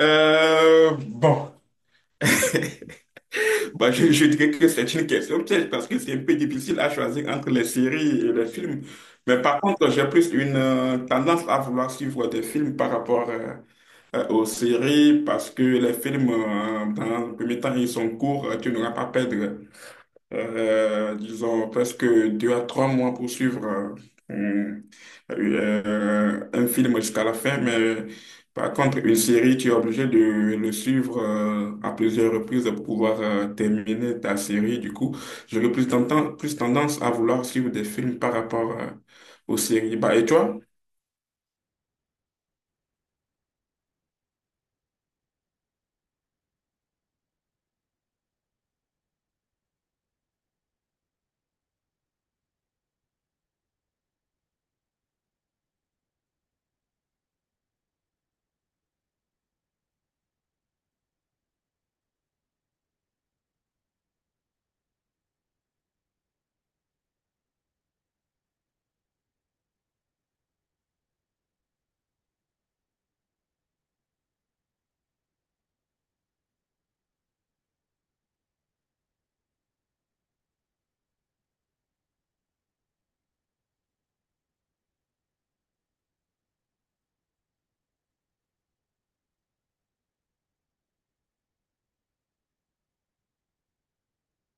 Euh, bon, je dirais que c'est une question piège parce que c'est un peu difficile à choisir entre les séries et les films. Mais par contre, j'ai plus une tendance à vouloir suivre des films par rapport aux séries parce que les films, dans le premier temps, ils sont courts, tu n'auras pas à perdre disons, presque deux à trois mois pour suivre euh, un film jusqu'à la fin, mais par contre, une série, tu es obligé de le suivre à plusieurs reprises pour pouvoir terminer ta série. Du coup, j'aurais plus tendance à vouloir suivre des films par rapport aux séries. Bah, et toi?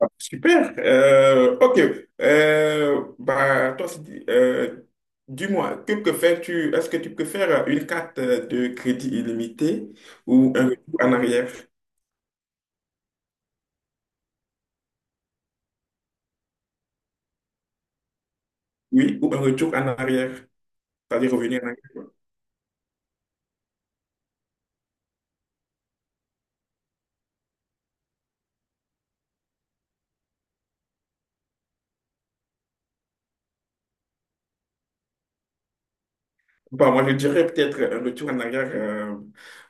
Ah, super. Ok. Euh, bah, toi, c'est- euh, dis-moi, que préfères-tu? Est-ce que tu préfères une carte de crédit illimitée ou un retour en arrière? Oui, ou un retour en arrière, c'est-à-dire revenir en arrière. Bah, moi, je dirais peut-être un retour en arrière,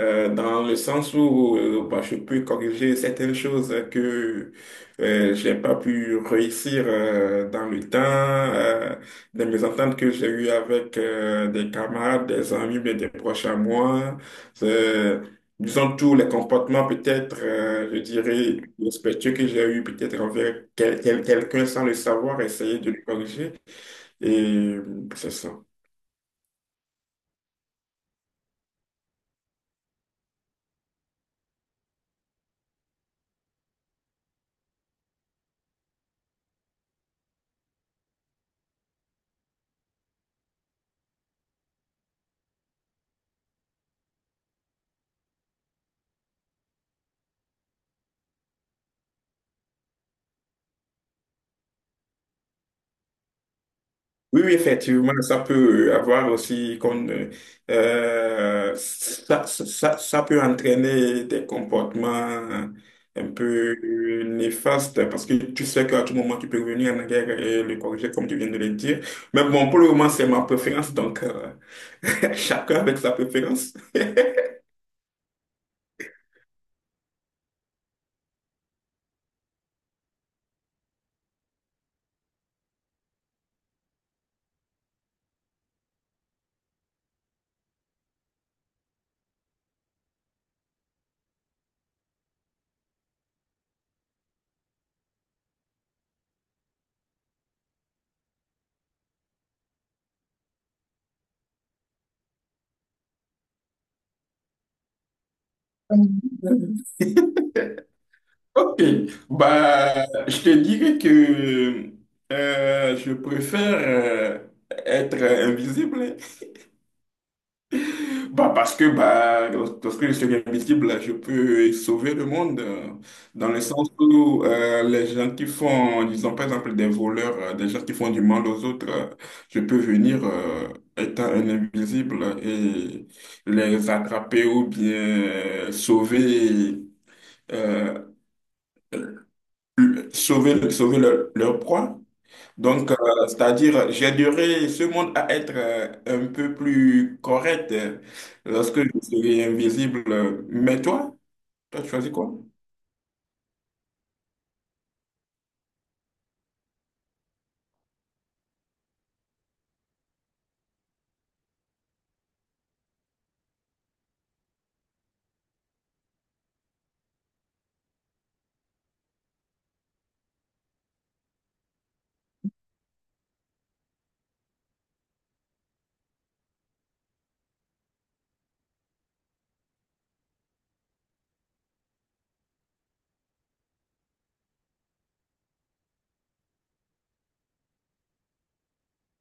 dans le sens où bah, je peux corriger certaines choses que j'ai pas pu réussir dans le temps, des mésententes que j'ai eues avec des camarades, des amis, mais des proches à moi. C'est- Disons tous les comportements peut-être, je dirais, respectueux que j'ai eu peut-être envers quelqu'un sans le savoir, essayer de le corriger. Et c'est ça. Oui, oui, effectivement, ça peut avoir aussi qu'on ça peut entraîner des comportements un peu néfastes parce que tu sais qu'à tout moment tu peux revenir en arrière et le corriger comme tu viens de le dire. Mais bon, pour le moment, c'est ma préférence, donc chacun avec sa préférence. Ok, bah, je te dirais que je préfère être invisible. Bah parce que bah, lorsque je suis invisible, je peux sauver le monde, dans le sens où les gens qui font, disons par exemple des voleurs, des gens qui font du mal aux autres, je peux venir étant un invisible et les attraper ou bien sauver, euh, sauver leur proie. Donc, c'est-à-dire, j'aiderai ce monde à être un peu plus correct lorsque je serai invisible. Mais toi, tu choisis quoi?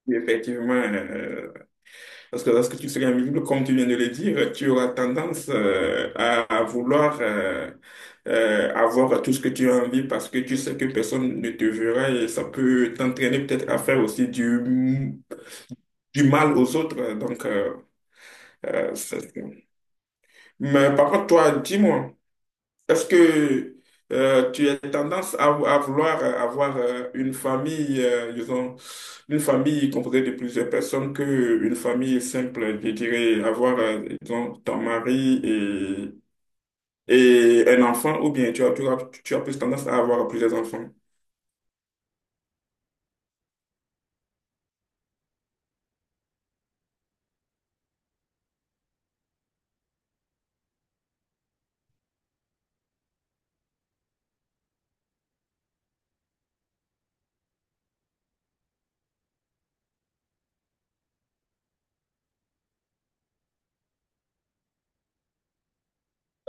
Oui, effectivement, parce que lorsque tu seras invisible, comme tu viens de le dire, tu auras tendance à vouloir avoir tout ce que tu as envie parce que tu sais que personne ne te verra et ça peut t'entraîner peut-être à faire aussi du mal aux autres. Donc, euh, c'est- mais par contre, toi, dis-moi. Est-ce que tu as tendance à vouloir avoir une famille, disons, une famille composée de plusieurs personnes que une famille simple, je dirais, avoir, disons, ton mari et un enfant, ou bien tu as plus tendance à avoir plusieurs enfants?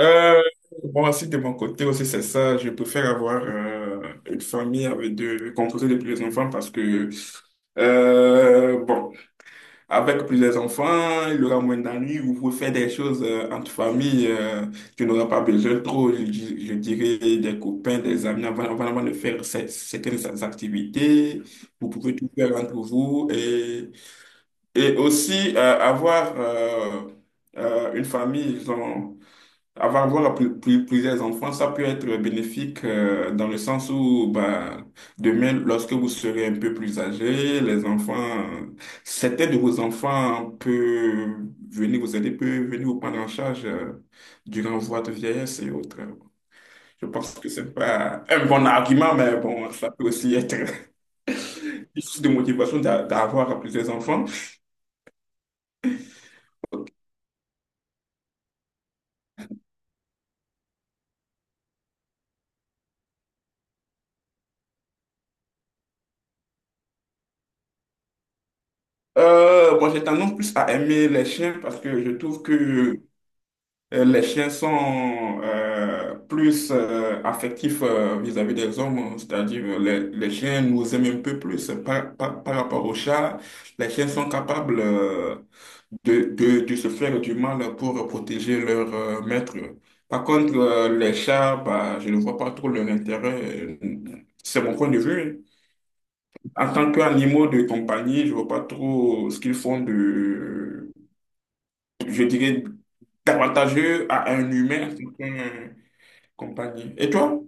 Euh, bon, aussi de mon côté aussi, c'est ça. Je préfère avoir une famille avec composée de plusieurs enfants parce que, bon. Avec plusieurs enfants, il aura moins d'ennuis, vous pouvez faire des choses entre famille, tu n'auras pas besoin trop, je dirais, des copains, des amis, avant de faire certaines activités, vous pouvez tout faire entre vous et aussi avoir une famille, disons, avoir plusieurs enfants, ça peut être bénéfique dans le sens où bah, demain, lorsque vous serez un peu plus âgé, les enfants, certains de vos enfants peuvent venir vous aider, peuvent venir vous prendre en charge durant votre vieillesse et autres. Je pense que c'est pas un bon argument, mais bon, ça peut aussi être une source de motivation d'avoir plusieurs enfants. Moi, j'ai tendance plus à aimer les chiens parce que je trouve que les chiens sont plus affectifs vis-à-vis des hommes, c'est-à-dire les chiens nous aiment un peu plus par rapport aux chats. Les chiens sont capables de se faire du mal pour protéger leur maître. Par contre, les chats, bah, je ne vois pas trop leur intérêt. C'est mon point de vue. En tant qu'animaux de compagnie, je vois pas trop ce qu'ils font de je dirais, avantageux à un humain qu'un compagnie. Et toi?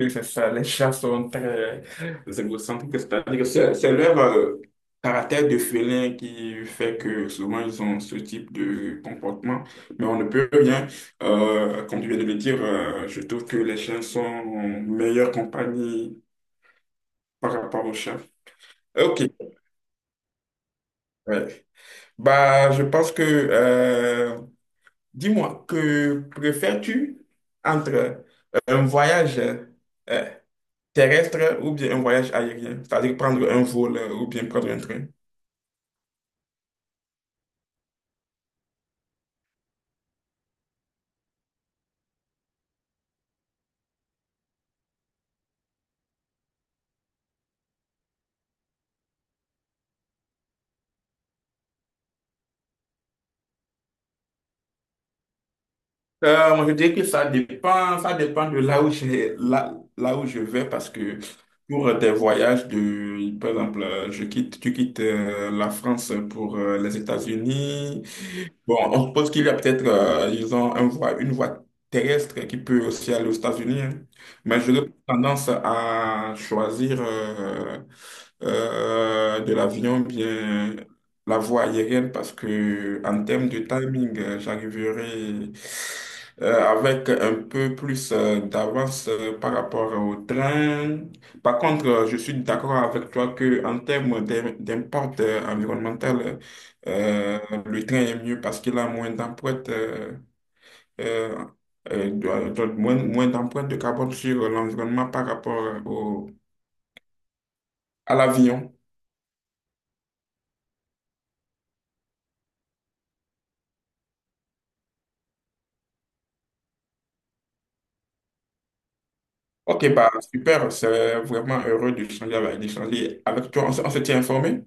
Oui, c'est ça. Les chats sont très égocentriques. C'est-à-dire que c'est leur caractère de félin qui fait que souvent ils ont ce type de comportement. Mais on ne peut rien. Comme tu viens de le dire, je trouve que les chiens sont en meilleure compagnie par rapport aux chats. Ok. Ouais. Bah, je pense que dis-moi, que préfères-tu entre un voyage euh, terrestre ou bien un voyage aérien? C'est-à-dire prendre un vol ou bien prendre un train? Moi, je dirais que ça dépend de là où j'ai, là, là où je vais parce que pour des voyages de, par exemple, tu quittes la France pour les États-Unis, bon, on suppose qu'il y a peut-être, disons, un une voie terrestre qui peut aussi aller aux États-Unis, hein. Mais j'aurais tendance à choisir de l'avion, bien la voie aérienne, parce que en termes de timing, j'arriverai avec un peu plus d'avance par rapport au train. Par contre, je suis d'accord avec toi que en termes d'impact environnemental, euh, le train est mieux parce qu'il a moins d'empreintes euh, moins d'empreintes de carbone sur l'environnement par rapport au, à l'avion. Ok, bah super, c'est vraiment heureux de changer avec, d'échanger avec toi. On se tient informé?